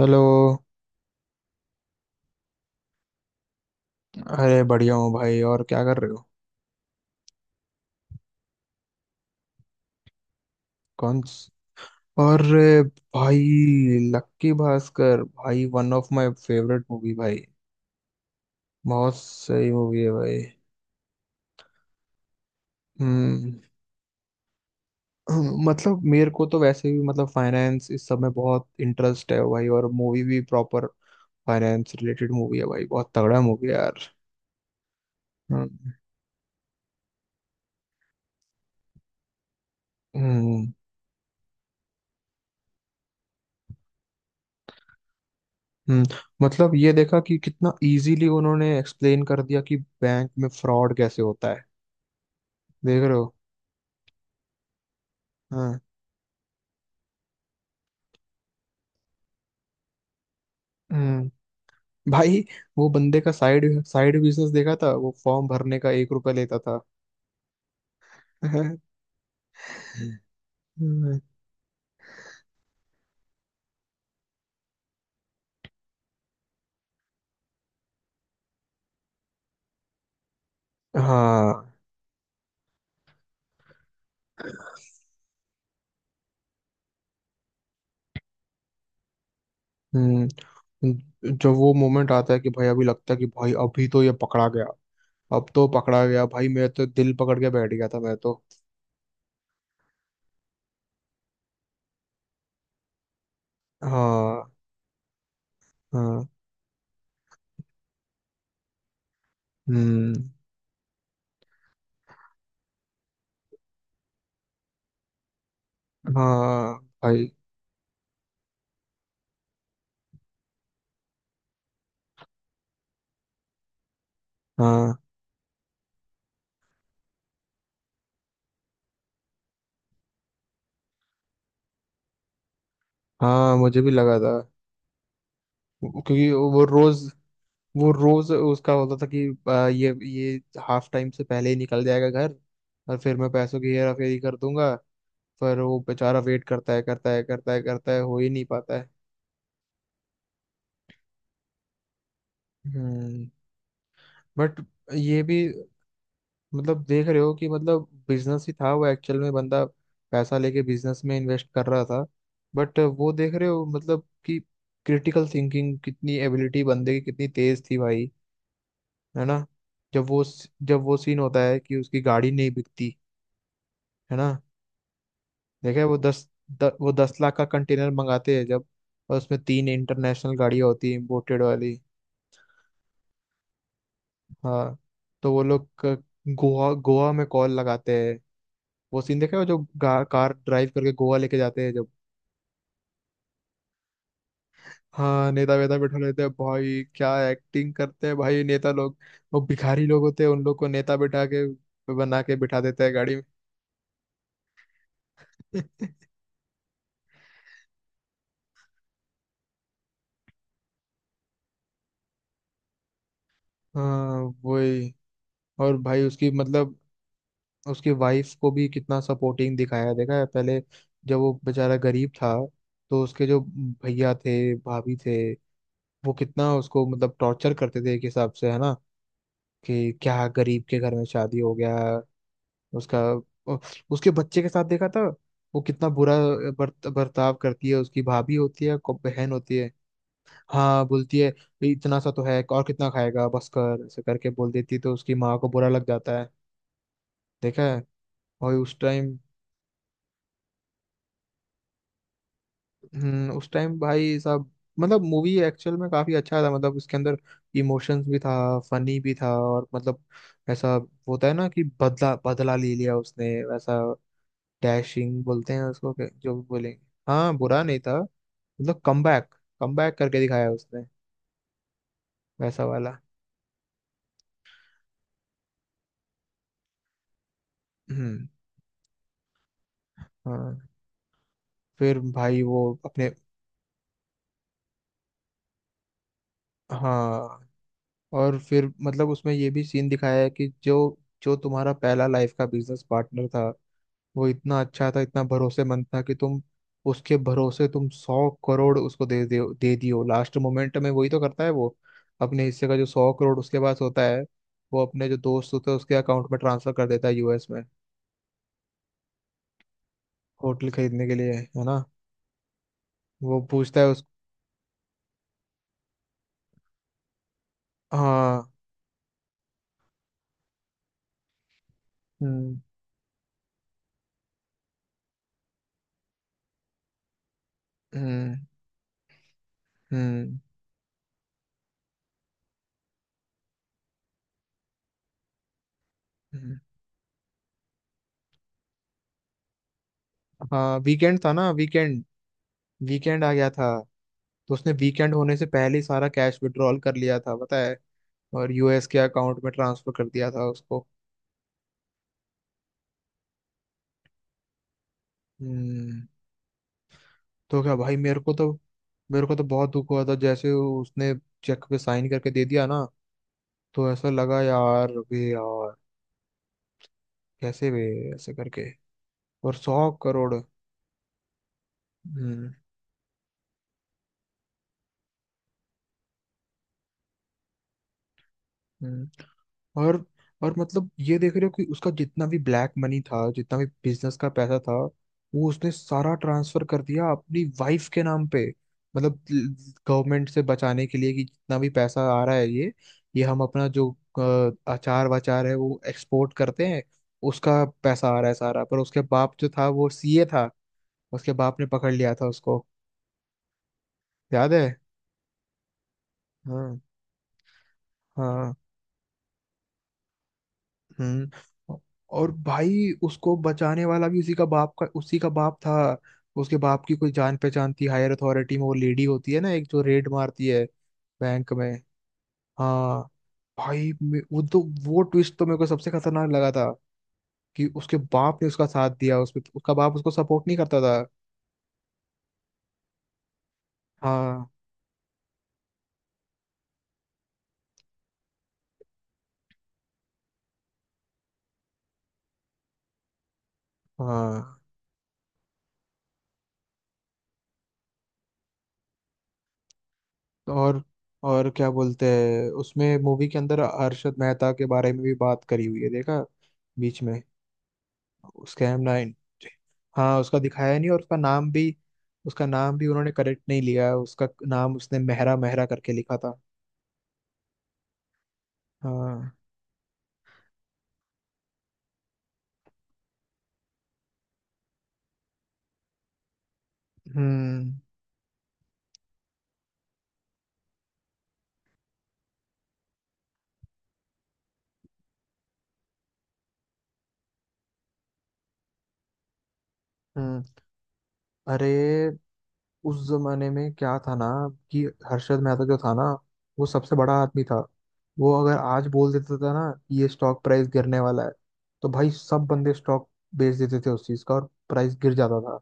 Hello. अरे, बढ़िया हूँ भाई। और क्या कर रहे हो? कौन स- अरे भाई, लक्की भास्कर भाई one of my favourite movie भाई। बहुत सही मूवी है भाई। हम्म। मतलब मेरे को तो वैसे भी, मतलब फाइनेंस इस सब में बहुत इंटरेस्ट है भाई, और मूवी भी प्रॉपर फाइनेंस रिलेटेड मूवी है भाई। बहुत तगड़ा मूवी है यार। हम्म। हम्म। हम्म, मतलब ये देखा कि कितना इजीली उन्होंने एक्सप्लेन कर दिया कि बैंक में फ्रॉड कैसे होता है। देख रहे हो? हाँ। हम्म। भाई, वो बंदे का साइड साइड बिजनेस देखा था, वो फॉर्म भरने का ₹1 लेता था। हम्म। हाँ। हम्म। जब वो मोमेंट आता है कि भाई अभी लगता है कि भाई अभी तो ये पकड़ा गया, अब तो पकड़ा गया भाई, मैं तो दिल पकड़ के बैठ गया था मैं तो। हाँ। हाँ। हम्म। हाँ भाई। हाँ। हाँ, मुझे भी लगा था। क्योंकि वो रोज उसका होता था कि ये हाफ टाइम से पहले ही निकल जाएगा घर, और फिर मैं पैसों की हेरा फेरी कर दूंगा। पर वो बेचारा वेट करता है, करता है, करता है, करता है, हो ही नहीं पाता है। हम्म। बट ये भी, मतलब देख रहे हो कि मतलब बिजनेस ही था, वो एक्चुअल में बंदा पैसा लेके बिजनेस में इन्वेस्ट कर रहा था। बट वो देख रहे हो मतलब कि क्रिटिकल थिंकिंग कितनी, एबिलिटी बंदे की कितनी तेज थी भाई। है ना? जब वो जब वो सीन होता है कि उसकी गाड़ी नहीं बिकती, है ना? देखा है वो वो 10 लाख का कंटेनर मंगाते हैं जब, और उसमें तीन इंटरनेशनल गाड़ियां होती हैं, इम्पोर्टेड वाली। हाँ। तो वो लोग गोवा गोवा में कॉल लगाते हैं। वो सीन देखा है वो जो कार ड्राइव करके गोवा लेके जाते हैं जब। हाँ, नेता वेता बैठा लेते हैं भाई, क्या एक्टिंग करते हैं भाई नेता लोग। वो भिखारी लोग होते हैं, उन लोग को नेता बैठा के बना के बिठा देता है गाड़ी में। हाँ वही। और भाई उसकी वाइफ को भी कितना सपोर्टिंग दिखाया है, देखा है पहले जब वो बेचारा गरीब था, तो उसके जो भैया थे, भाभी थे, वो कितना उसको मतलब टॉर्चर करते थे एक हिसाब से, है ना? कि क्या गरीब के घर में शादी हो गया उसका। उसके बच्चे के साथ देखा था वो कितना बुरा बर्ताव करती है उसकी, भाभी होती है बहन होती है। हाँ, बोलती है इतना सा तो है और कितना खाएगा, बस कर, ऐसे करके बोल देती है, तो उसकी माँ को बुरा लग जाता है। देखा है? और उस टाइम भाई साहब, मतलब मूवी एक्चुअल में काफी अच्छा था, मतलब उसके अंदर इमोशंस भी था, फनी भी था, और मतलब ऐसा होता है ना कि बदला बदला ले लिया उसने वैसा। डैशिंग बोलते हैं उसको, जो भी बोलेंगे। हाँ, बुरा नहीं था। मतलब कमबैक कमबैक करके दिखाया उसने, वैसा वाला। हम्म। हाँ। फिर भाई वो अपने, हाँ, और फिर मतलब उसमें ये भी सीन दिखाया है कि जो जो तुम्हारा पहला लाइफ का बिजनेस पार्टनर था, वो इतना अच्छा था, इतना भरोसेमंद था कि तुम उसके भरोसे तुम 100 करोड़ उसको दे दे दे दियो। लास्ट मोमेंट में वही तो करता है वो, अपने हिस्से का जो 100 करोड़ उसके पास होता है, वो अपने जो दोस्त होते हैं उसके अकाउंट में ट्रांसफर कर देता है यूएस में होटल खरीदने के लिए, है ना? वो पूछता है उस हाँ। हम्म। हम्म। हम्म। हम्म। हाँ, वीकेंड था ना वीकेंड वीकेंड आ गया था। तो उसने वीकेंड होने से पहले ही सारा कैश विड्रॉल कर लिया था पता है, और यूएस के अकाउंट में ट्रांसफर कर दिया था उसको। हम्म। तो क्या भाई, मेरे को तो बहुत दुख हुआ था जैसे उसने चेक पे साइन करके दे दिया ना, तो ऐसा लगा यार, वे यार, कैसे वे ऐसे करके। और 100 करोड़। हम्म। हम्म। और और मतलब ये देख रहे हो कि उसका जितना भी ब्लैक मनी था, जितना भी बिजनेस का पैसा था, वो उसने सारा ट्रांसफर कर दिया अपनी वाइफ के नाम पे, मतलब गवर्नमेंट से बचाने के लिए, कि जितना भी पैसा आ रहा है ये हम अपना जो अचार वाचार है वो एक्सपोर्ट करते हैं, उसका पैसा आ रहा है सारा, पर उसके बाप जो था वो सीए था, उसके बाप ने पकड़ लिया था उसको। याद है? हाँ। हाँ। हम्म। और भाई उसको बचाने वाला भी उसी का बाप था। उसके बाप की कोई जान पहचान थी हायर अथॉरिटी में, वो लेडी होती है ना एक जो रेड मारती है बैंक में। हाँ। भाई, वो तो, वो ट्विस्ट तो मेरे को सबसे खतरनाक लगा था कि उसके बाप ने उसका साथ दिया उसमें, उसका बाप उसको सपोर्ट नहीं करता था। हाँ। हाँ। तो और क्या बोलते हैं उसमें मूवी के अंदर, अरशद मेहता के बारे में भी बात करी हुई है देखा, बीच में, स्कैम 9? हाँ, उसका दिखाया नहीं, और उसका नाम भी उन्होंने करेक्ट नहीं लिया है। उसका नाम उसने मेहरा मेहरा करके लिखा था। हाँ। हम्म। हम्म। अरे, उस जमाने में क्या था ना कि हर्षद मेहता जो था ना, वो सबसे बड़ा आदमी था। वो अगर आज बोल देता था ना कि ये स्टॉक प्राइस गिरने वाला है, तो भाई सब बंदे स्टॉक बेच देते थे उस चीज का, और प्राइस गिर जाता था।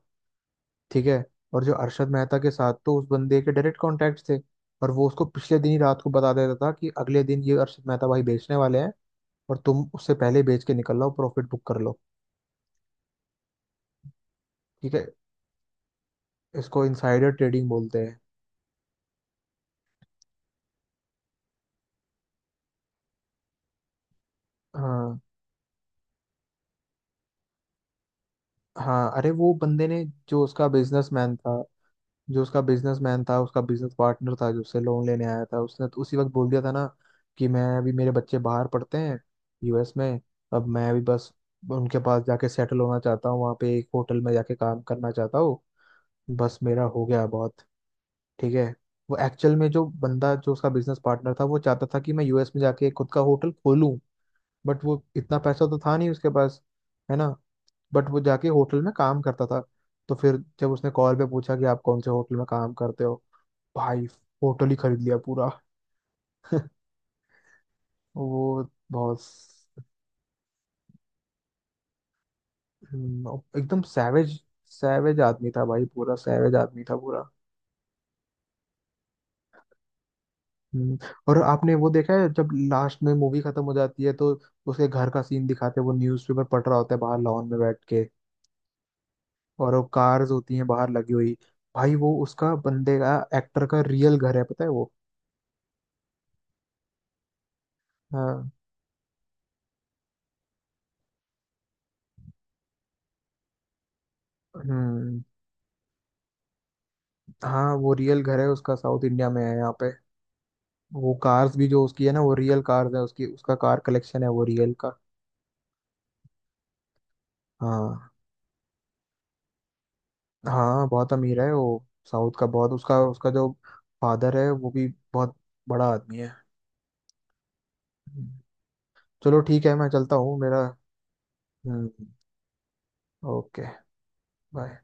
ठीक है? और जो अरशद मेहता के साथ तो उस बंदे के डायरेक्ट कॉन्टैक्ट थे, और वो उसको पिछले दिन ही रात को बता देता था कि अगले दिन ये अरशद मेहता भाई बेचने वाले हैं, और तुम उससे पहले बेच के निकल लो, प्रॉफिट बुक कर लो। ठीक है? इसको इनसाइडर ट्रेडिंग बोलते हैं। हाँ। हाँ, अरे वो बंदे ने, जो उसका बिजनेसमैन था उसका बिजनेस पार्टनर था, जो उससे लोन लेने आया था, उसने तो उसी वक्त बोल दिया था ना कि मैं अभी, मेरे बच्चे बाहर पढ़ते हैं यूएस में, अब मैं भी बस उनके पास जाके सेटल होना चाहता हूँ, वहाँ पे एक होटल में जाके काम करना चाहता हूँ, बस मेरा हो गया बहुत। ठीक है? वो एक्चुअल में जो बंदा, जो उसका बिजनेस पार्टनर था, वो चाहता था कि मैं यूएस में जाके खुद का होटल खोलूं, बट वो इतना पैसा तो था नहीं उसके पास, है ना? बट वो जाके होटल में काम करता था, तो फिर जब उसने कॉल पे पूछा कि आप कौन से होटल में काम करते हो, भाई होटल ही खरीद लिया पूरा। वो बहुत एकदम सैवेज। सैवेज आदमी था भाई, पूरा सैवेज आदमी था पूरा। हम्म। और आपने वो देखा है, जब लास्ट में मूवी खत्म हो जाती है तो उसके घर का सीन दिखाते हैं, वो न्यूज़पेपर पढ़ रहा होता है बाहर लॉन में बैठ के, और वो कार्स होती हैं बाहर लगी हुई। भाई वो उसका बंदे का एक्टर का रियल घर है पता है वो। हाँ। हम्म। हाँ, वो रियल घर है उसका, साउथ इंडिया में है यहाँ पे। वो कार्स भी जो उसकी है ना, वो रियल कार्स है उसकी, उसका कार कलेक्शन है वो रियल का। हाँ। हाँ, बहुत अमीर है वो साउथ का बहुत, उसका उसका जो फादर है वो भी बहुत बड़ा आदमी है। हम्म। चलो ठीक है, मैं चलता हूँ मेरा। हम्म। ओके। बाय।